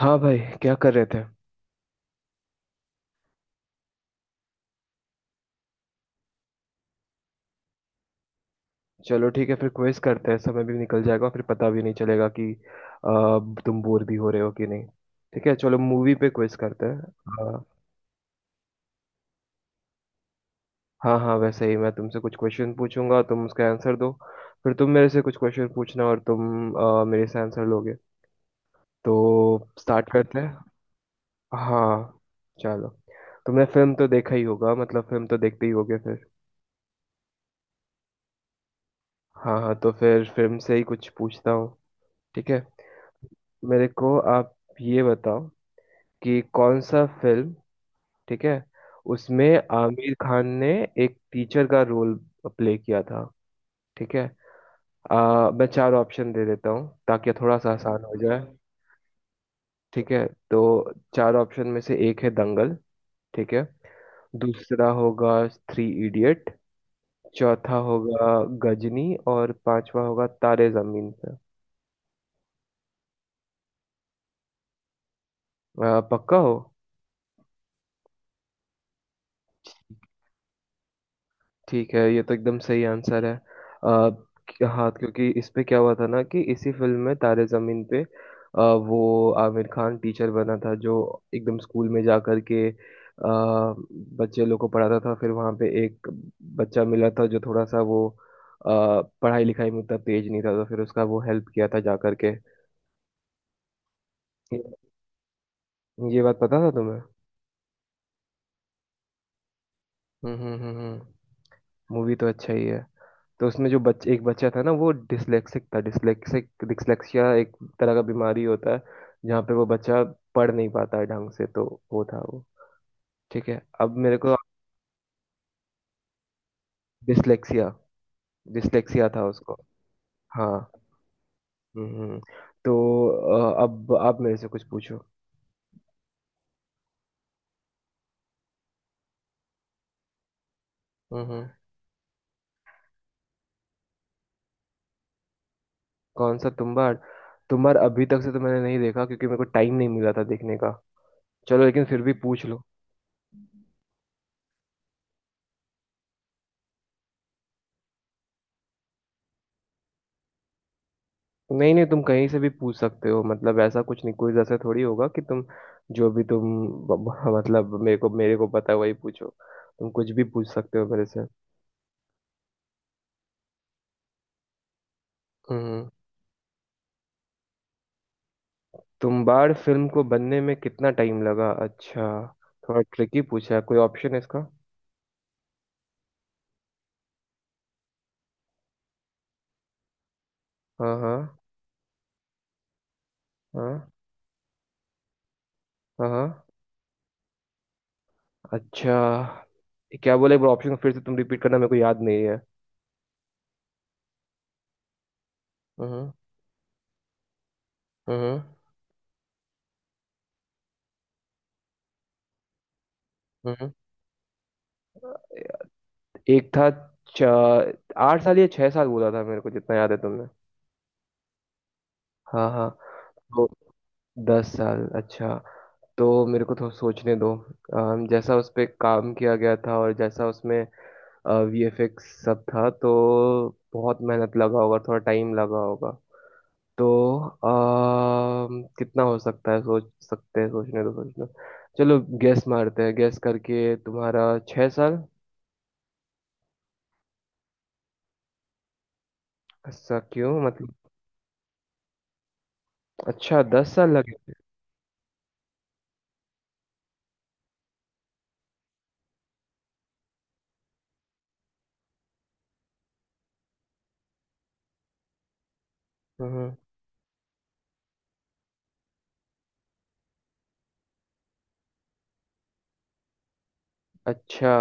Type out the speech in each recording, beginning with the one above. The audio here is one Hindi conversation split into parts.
हाँ भाई, क्या कर रहे थे। चलो ठीक है, फिर क्विज करते हैं। समय भी निकल जाएगा, फिर पता भी नहीं चलेगा कि तुम बोर भी हो रहे हो कि नहीं। ठीक है, चलो मूवी पे क्विज करते हैं। अ, हाँ हाँ, वैसे ही मैं तुमसे कुछ क्वेश्चन पूछूंगा, तुम उसका आंसर दो। फिर तुम मेरे से कुछ क्वेश्चन पूछना और तुम मेरे से आंसर लोगे। तो स्टार्ट करते हैं। हाँ। चलो, तुमने फिल्म तो देखा ही होगा, मतलब फिल्म तो देखते ही होगे फिर। हाँ हाँ, तो फिर फिल्म से ही कुछ पूछता हूँ। ठीक है, मेरे को आप ये बताओ कि कौन सा फिल्म, ठीक है, उसमें आमिर खान ने एक टीचर का रोल प्ले किया था। ठीक है, मैं चार ऑप्शन दे देता हूँ ताकि थोड़ा सा आसान हो जाए। ठीक है, तो चार ऑप्शन में से एक है दंगल, ठीक है। दूसरा होगा थ्री इडियट, चौथा होगा गजनी और पांचवा होगा तारे जमीन पे। पक्का हो। ठीक है, ये तो एकदम सही आंसर है। आ, हाँ, क्योंकि इस पे क्या हुआ था ना कि इसी फिल्म में तारे जमीन पे वो आमिर खान टीचर बना था जो एकदम स्कूल में जा कर के बच्चे लोग को पढ़ाता था। फिर वहाँ पे एक बच्चा मिला था जो थोड़ा सा वो अ, पढ़ाई लिखाई में उतना तेज नहीं था, तो फिर उसका वो हेल्प किया था जा करके। ये ये बात पता था तुम्हें। हम्म। मूवी तो अच्छा ही है। तो उसमें जो बच्चे एक बच्चा था ना, वो डिसलेक्सिक था। डिसलेक्सिक, डिसलेक्सिया एक तरह का बीमारी होता है जहाँ पे वो बच्चा पढ़ नहीं पाता है ढंग से। तो वो था वो। ठीक है, अब मेरे को, डिसलेक्सिया, डिसलेक्सिया था उसको। हाँ। हम्म हम्म। तो अब आप मेरे से कुछ पूछो। हम्म हम्म। कौन सा तुम्बाड़। तुम्बाड़ अभी तक से तो मैंने नहीं देखा क्योंकि मेरे को टाइम नहीं मिला था देखने का। चलो, लेकिन फिर भी पूछ लो। नहीं नहीं, तुम कहीं से भी पूछ सकते हो, मतलब ऐसा कुछ नहीं। कोई ऐसा थोड़ी होगा कि तुम जो भी तुम मतलब मेरे को पता है वही पूछो। तुम कुछ भी पूछ सकते हो मेरे से। हम्म। तुम्बाड़ फिल्म को बनने में कितना टाइम लगा, अच्छा। थोड़ा ट्रिकी पूछा है, कोई ऑप्शन है इसका। हाँ हाँ। हाँ। हाँ हाँ। अच्छा, ये क्या बोले, एक बार ऑप्शन फिर से तुम रिपीट करना, मेरे को याद नहीं है। हम्म। हम्म। हम्म। एक था, 8 साल या 6 साल बोला था मेरे को, जितना याद है तुमने। हाँ हाँ। तो 10 साल, अच्छा। तो मेरे को थोड़ा सोचने दो। जैसा उस पे काम किया गया था और जैसा उसमें वीएफएक्स सब था, तो बहुत मेहनत लगा होगा, थोड़ा टाइम लगा होगा। तो कितना हो सकता है, सोच सकते हैं। सोचने दो, सोचने दो। चलो, गैस मारते हैं, गैस करके, तुम्हारा 6 साल। ऐसा क्यों, मतलब। अच्छा, 10 साल लगे। हम्म। अच्छा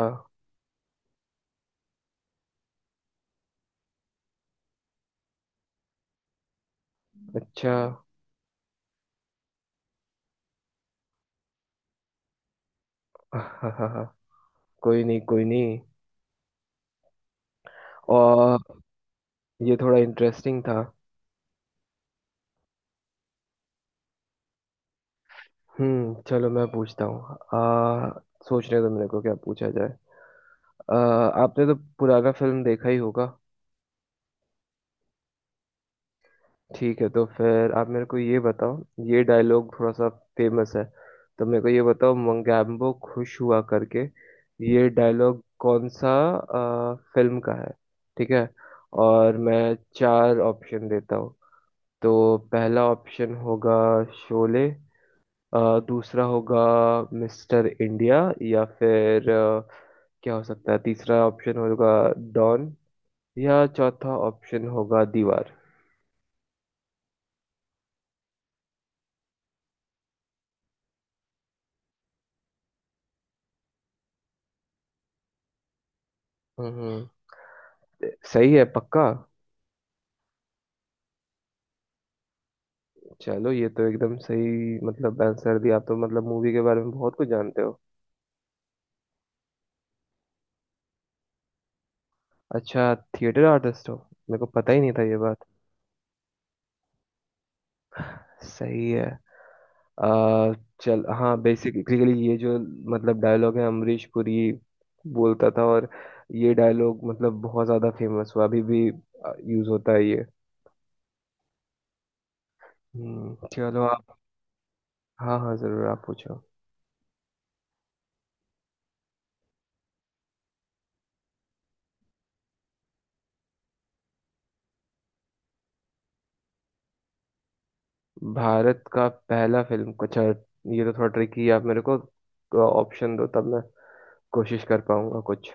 अच्छा। हाँ हाँ हाँ, कोई नहीं, कोई नहीं। और ये थोड़ा इंटरेस्टिंग था। हम्म, चलो मैं पूछता हूँ। आ सोचने दो मेरे को क्या पूछा जाए। आ, आपने तो पुराना फिल्म देखा ही होगा। ठीक है, तो फिर आप मेरे को ये बताओ, ये डायलॉग थोड़ा सा फेमस है। तो मेरे को ये बताओ, मंगेम्बो खुश हुआ, करके ये डायलॉग कौन सा फिल्म का है, ठीक है। और मैं चार ऑप्शन देता हूँ। तो पहला ऑप्शन होगा शोले, अ, दूसरा होगा मिस्टर इंडिया, या फिर क्या हो सकता है, तीसरा ऑप्शन होगा डॉन, या चौथा ऑप्शन होगा दीवार। हम्म। सही है, पक्का। चलो, ये तो एकदम सही मतलब आंसर दिया आप, तो मतलब मूवी के बारे में बहुत कुछ जानते हो। अच्छा, थिएटर आर्टिस्ट हो। मेरे को पता ही नहीं था ये बात। सही है। आ, चल, हाँ, बेसिकली ये जो मतलब डायलॉग है, अमरीश पुरी बोलता था और ये डायलॉग मतलब बहुत ज्यादा फेमस हुआ, अभी भी यूज होता है ये। चलो आप। हाँ हाँ, जरूर आप पूछो। भारत का पहला फिल्म, अच्छा। ये तो थोड़ा ट्रिकी है, आप मेरे को ऑप्शन दो, तब मैं कोशिश कर पाऊंगा कुछ।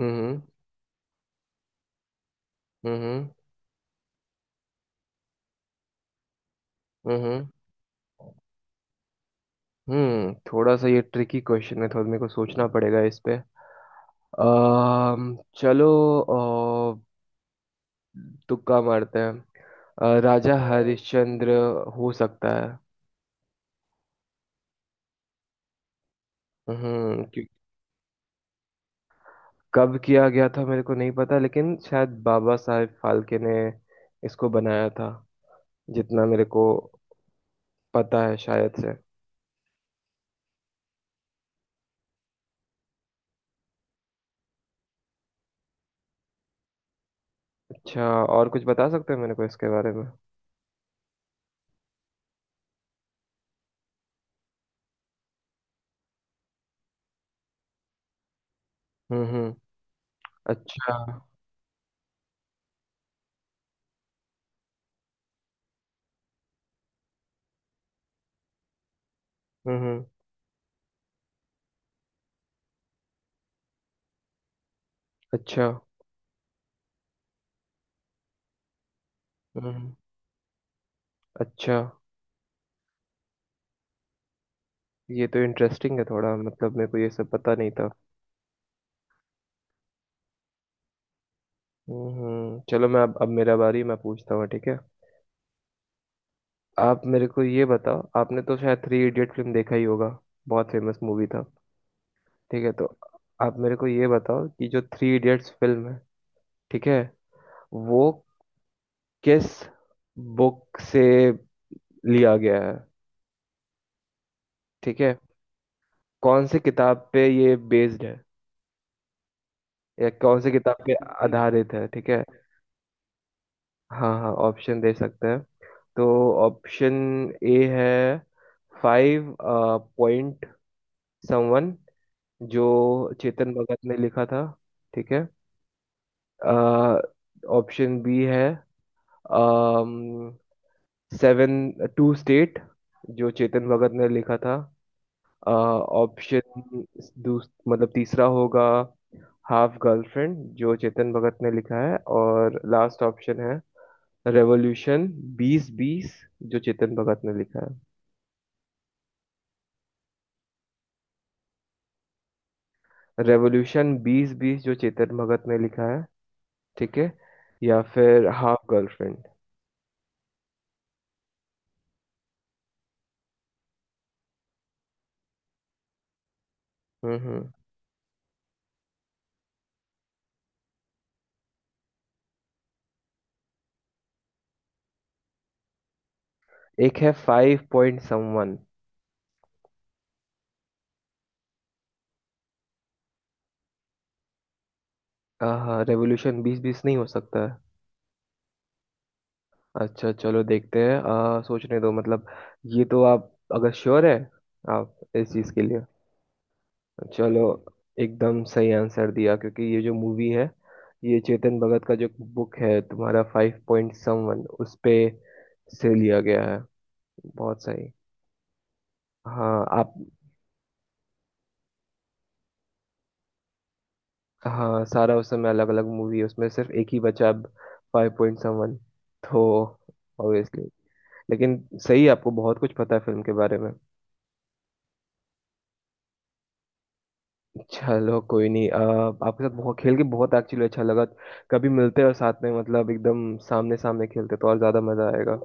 हम्म। हम्म। हम्म। हम्म, थोड़ा सा ये ट्रिकी क्वेश्चन है, थोड़ा मेरे को सोचना पड़ेगा इस पे। चलो, तुक्का मारते हैं। राजा हरिश्चंद्र हो सकता है। हम्म, क्यों। कब किया गया था मेरे को नहीं पता, लेकिन शायद बाबा साहेब फाल्के ने इसको बनाया था, जितना मेरे को पता है शायद से। अच्छा, और कुछ बता सकते हैं मेरे को इसके बारे में। हम्म। अच्छा, हम्म। हम्म। अच्छा। हम्म हम्म, अच्छा। ये तो इंटरेस्टिंग है, थोड़ा मतलब मेरे को ये सब पता नहीं था। चलो मैं अब मेरा बारी, मैं पूछता हूँ, ठीक है। आप मेरे को ये बताओ, आपने तो शायद थ्री इडियट फिल्म देखा ही होगा, बहुत फेमस मूवी था। ठीक है, तो आप मेरे को ये बताओ कि जो थ्री इडियट्स फिल्म है, ठीक है, वो किस बुक से लिया गया है, ठीक है, कौन सी किताब पे ये बेस्ड है या कौन सी किताब पे आधारित है, ठीक है। हाँ हाँ, ऑप्शन दे सकते हैं। तो ऑप्शन ए है फाइव पॉइंट समवन, जो चेतन भगत ने लिखा था, ठीक है। ऑप्शन बी है सेवन टू स्टेट, जो चेतन भगत ने लिखा था। ऑप्शन दूस मतलब तीसरा होगा हाफ गर्लफ्रेंड, जो चेतन भगत ने लिखा है, और लास्ट ऑप्शन है रेवोल्यूशन 2020, जो चेतन भगत ने लिखा है। रेवोल्यूशन बीस बीस, जो चेतन भगत ने लिखा है, ठीक है, या फिर हाफ गर्लफ्रेंड। हम्म। एक है फाइव पॉइंट समवन। हाँ, रेवोल्यूशन 2020 नहीं हो सकता है। अच्छा, चलो देखते हैं। सोचने दो मतलब, ये तो आप अगर श्योर है आप इस चीज़ के लिए। चलो, एकदम सही आंसर दिया, क्योंकि ये जो मूवी है, ये चेतन भगत का जो बुक है तुम्हारा, फाइव पॉइंट समवन, उस पे से लिया गया है। बहुत सही। हाँ आप। हाँ, सारा उस समय अलग अलग मूवी है उसमें, सिर्फ एक ही बचा अब, फाइव पॉइंट समवन, तो ऑब्वियसली। लेकिन सही, आपको बहुत कुछ पता है फिल्म के बारे में। चलो, कोई नहीं। आपके साथ बहुत खेल के, बहुत एक्चुअली अच्छा लगा। कभी मिलते हैं और साथ में मतलब एकदम सामने सामने खेलते, तो और ज्यादा मजा आएगा।